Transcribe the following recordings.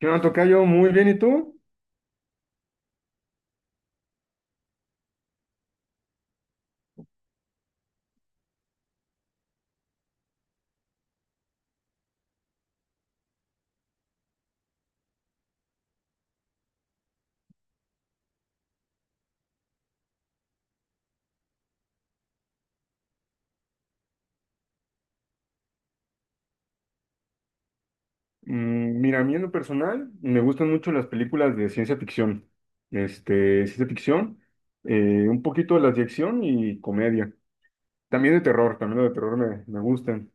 ¿Qué onda, tocayo? Muy bien, ¿y tú? Mira, a mí en lo personal me gustan mucho las películas de ciencia ficción. Ciencia ficción, un poquito de las de acción y comedia. También de terror, también las de terror me gustan.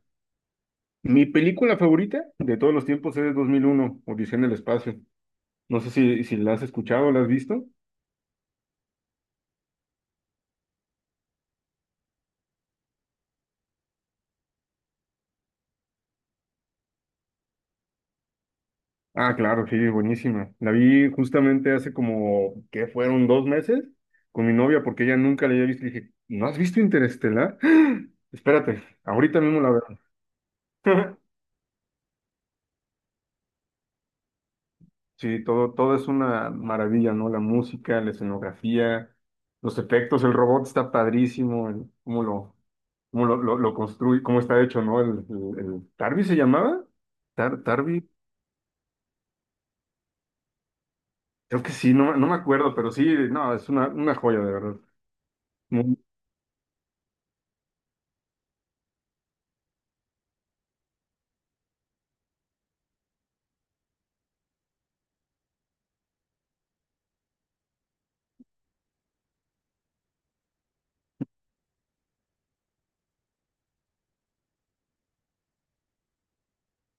Mi película favorita de todos los tiempos es 2001, Odisea en el espacio. No sé si la has escuchado, la has visto. Ah, claro, sí, buenísima. La vi justamente hace como que fueron 2 meses con mi novia porque ella nunca la había visto, y dije, ¿no has visto Interestelar? Espérate, ahorita mismo la veo. Sí, todo, todo es una maravilla, ¿no? La música, la escenografía, los efectos, el robot está padrísimo, cómo lo construye, cómo está hecho, ¿no? ¿Tarby se llamaba? Tarby, creo que sí, no, no me acuerdo, pero sí, no, es una joya, de verdad.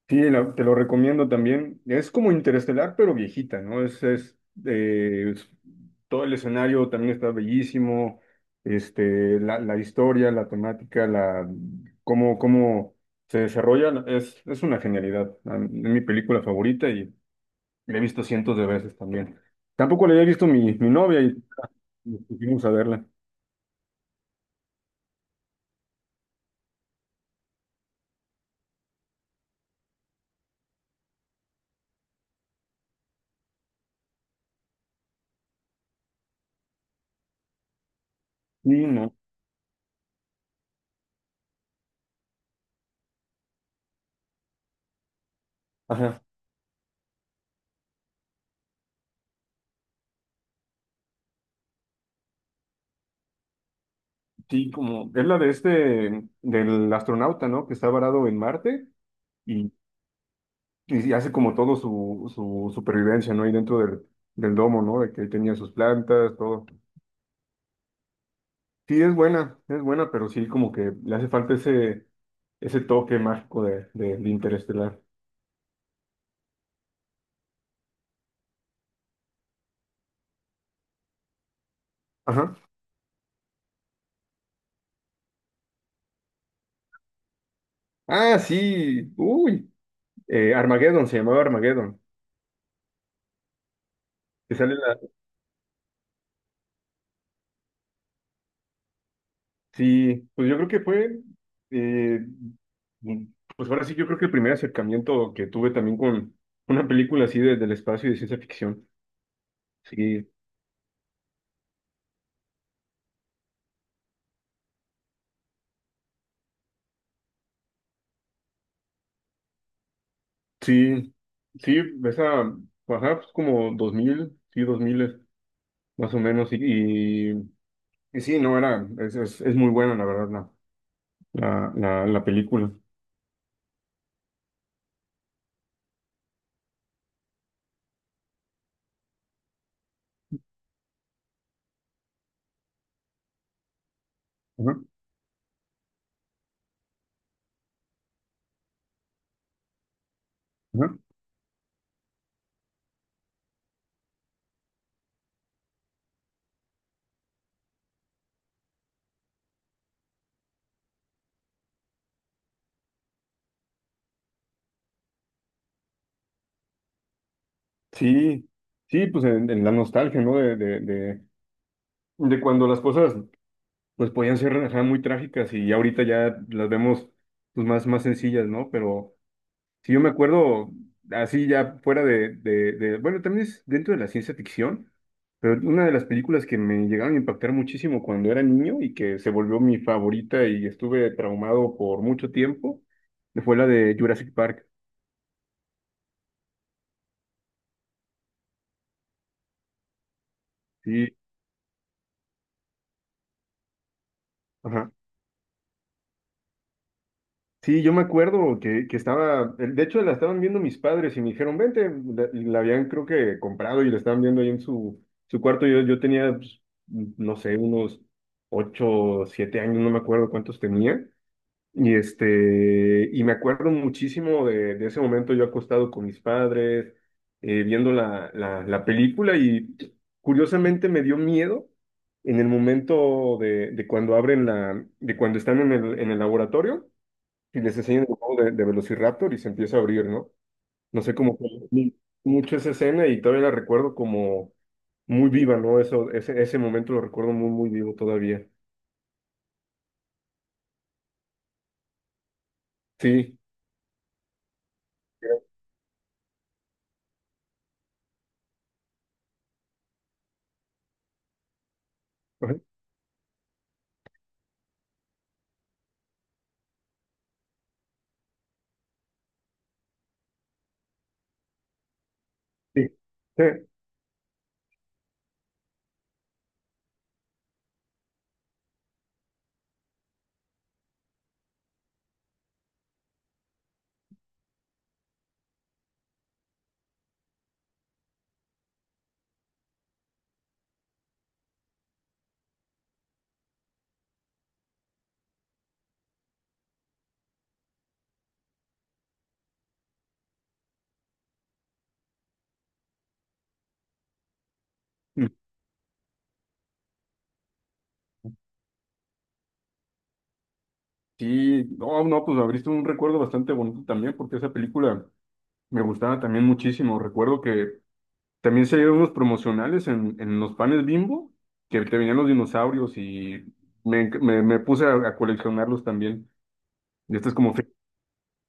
Sí, te lo recomiendo también. Es como Interestelar, pero viejita, ¿no? Eh, es- Todo el escenario también está bellísimo. La historia, la temática, cómo se desarrolla, es una genialidad. Es mi película favorita y la he visto cientos de veces también. Tampoco la había visto mi novia y nos pusimos a verla. Sí, no. Ajá. Sí, como es la de del astronauta, ¿no? Que está varado en Marte. Y hace como todo su supervivencia, ¿no? Ahí dentro del domo, ¿no? De que ahí tenía sus plantas, todo. Sí, es buena, pero sí como que le hace falta ese toque mágico de Interestelar. Ajá. Ah, sí, uy, Armageddon, se llamaba Armageddon. Que sale la. Sí, pues yo creo que eh, mm, pues ahora sí, yo creo que el primer acercamiento que tuve también con una película del espacio y de ciencia ficción. Sí, Sí, sí, esa, ajá, pues como 2000, sí, 2000 más o menos, y, y sí, no, era, es muy buena, la verdad, la película. Ajá, ajá. Sí, sí, pues en la nostalgia, ¿no? De cuando las cosas, pues podían ser, ajá, muy trágicas y ya ahorita ya las vemos, pues más, más sencillas, ¿no? Pero, si yo me acuerdo, así ya fuera bueno, también es dentro de la ciencia ficción, pero una de las películas que me llegaron a impactar muchísimo cuando era niño y que se volvió mi favorita y estuve traumado por mucho tiempo, fue la de Jurassic Park. Sí, ajá. Sí, yo me acuerdo que estaba, de hecho la estaban viendo mis padres y me dijeron, vente, y la habían creo que comprado y la estaban viendo ahí en su cuarto. Yo tenía, pues, no sé, unos 8, 7 años, no me acuerdo cuántos tenía. Y y me acuerdo muchísimo de ese momento yo acostado con mis padres, viendo la película y curiosamente me dio miedo en el momento de cuando abren de cuando están en el laboratorio y les enseñan el juego de Velociraptor y se empieza a abrir, ¿no? No sé cómo fue mucho esa escena y todavía la recuerdo como muy viva, ¿no? Ese momento lo recuerdo muy, muy vivo todavía. Sí. Ajá, Sí. Sí. Sí, no, no, pues abriste un recuerdo bastante bonito también, porque esa película me gustaba también muchísimo. Recuerdo que también salieron unos promocionales en los panes Bimbo, que te venían los dinosaurios y me puse a coleccionarlos también. Y estos como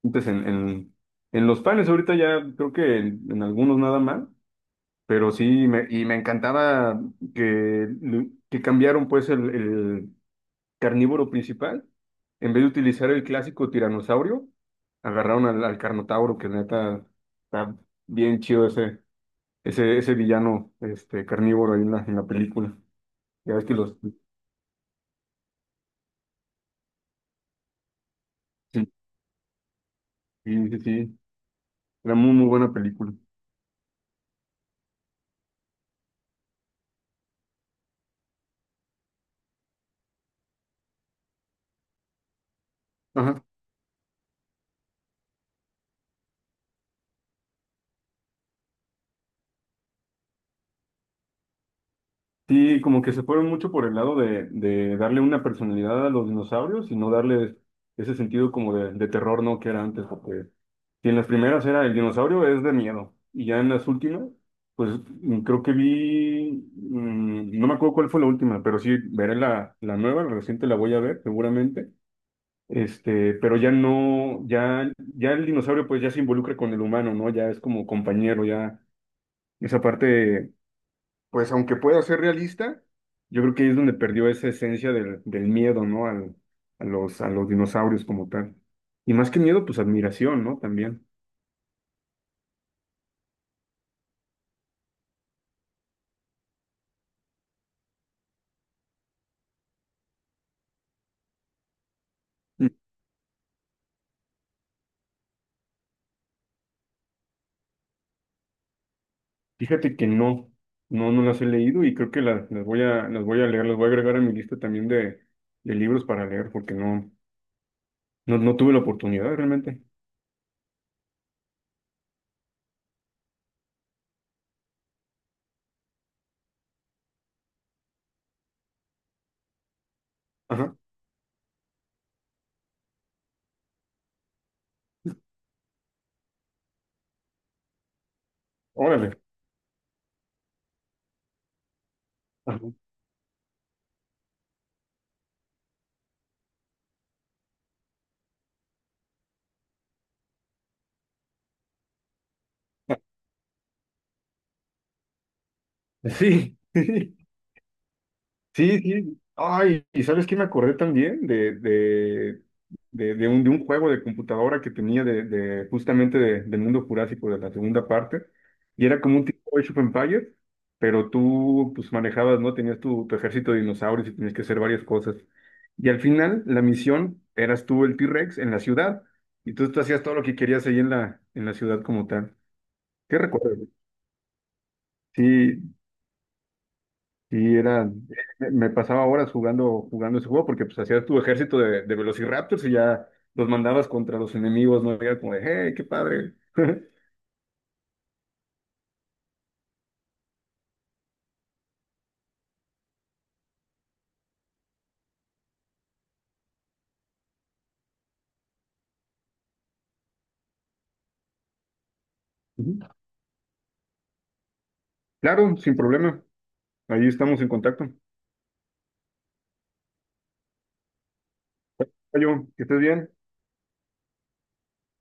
frecuentes en los panes, ahorita ya creo que en algunos nada más, pero sí, y me encantaba que, que cambiaron pues carnívoro principal, en vez de utilizar el clásico tiranosaurio, agarraron al Carnotauro, que neta está bien chido ese villano carnívoro ahí en la película. Ya ves que los. Sí, sí, sí, sí. Era muy, muy buena película. Ajá. Sí, como que se fueron mucho por el lado de darle una personalidad a los dinosaurios y no darles ese sentido como de terror, ¿no? Que era antes, porque si en las primeras era el dinosaurio es de miedo y ya en las últimas, pues creo que vi, no me acuerdo cuál fue la última, pero sí veré la nueva, la reciente la voy a ver seguramente, pero ya no, ya el dinosaurio pues ya se involucra con el humano, ¿no? Ya es como compañero, ya esa parte pues aunque pueda ser realista, yo creo que ahí es donde perdió esa esencia del miedo, ¿no? A los dinosaurios como tal. Y más que miedo, pues admiración, ¿no? También. Mm. Fíjate que no, no, no las he leído y creo que las voy a, las voy a leer, las voy a agregar a mi lista también de libros para leer, porque no, no, no tuve la oportunidad realmente. Ajá, órale. Ajá. Sí. Sí, sí. Ay, ¿y sabes qué me acordé también de un juego de computadora que tenía de justamente del mundo jurásico de la segunda parte? Y era como un tipo Age of Empires, pero tú pues manejabas, ¿no? Tenías tu ejército de dinosaurios y tenías que hacer varias cosas. Y al final, la misión eras tú el T-Rex en la ciudad. Y tú hacías todo lo que querías ahí en la ciudad como tal. ¿Qué recuerdo? Sí. Y era, me me pasaba horas jugando, jugando ese juego porque pues hacías tu ejército de Velociraptors y ya los mandabas contra los enemigos, ¿no? Y era como de, hey, qué padre. Ujú. Claro, sin problema. Ahí estamos en contacto. Oye, que estés bien.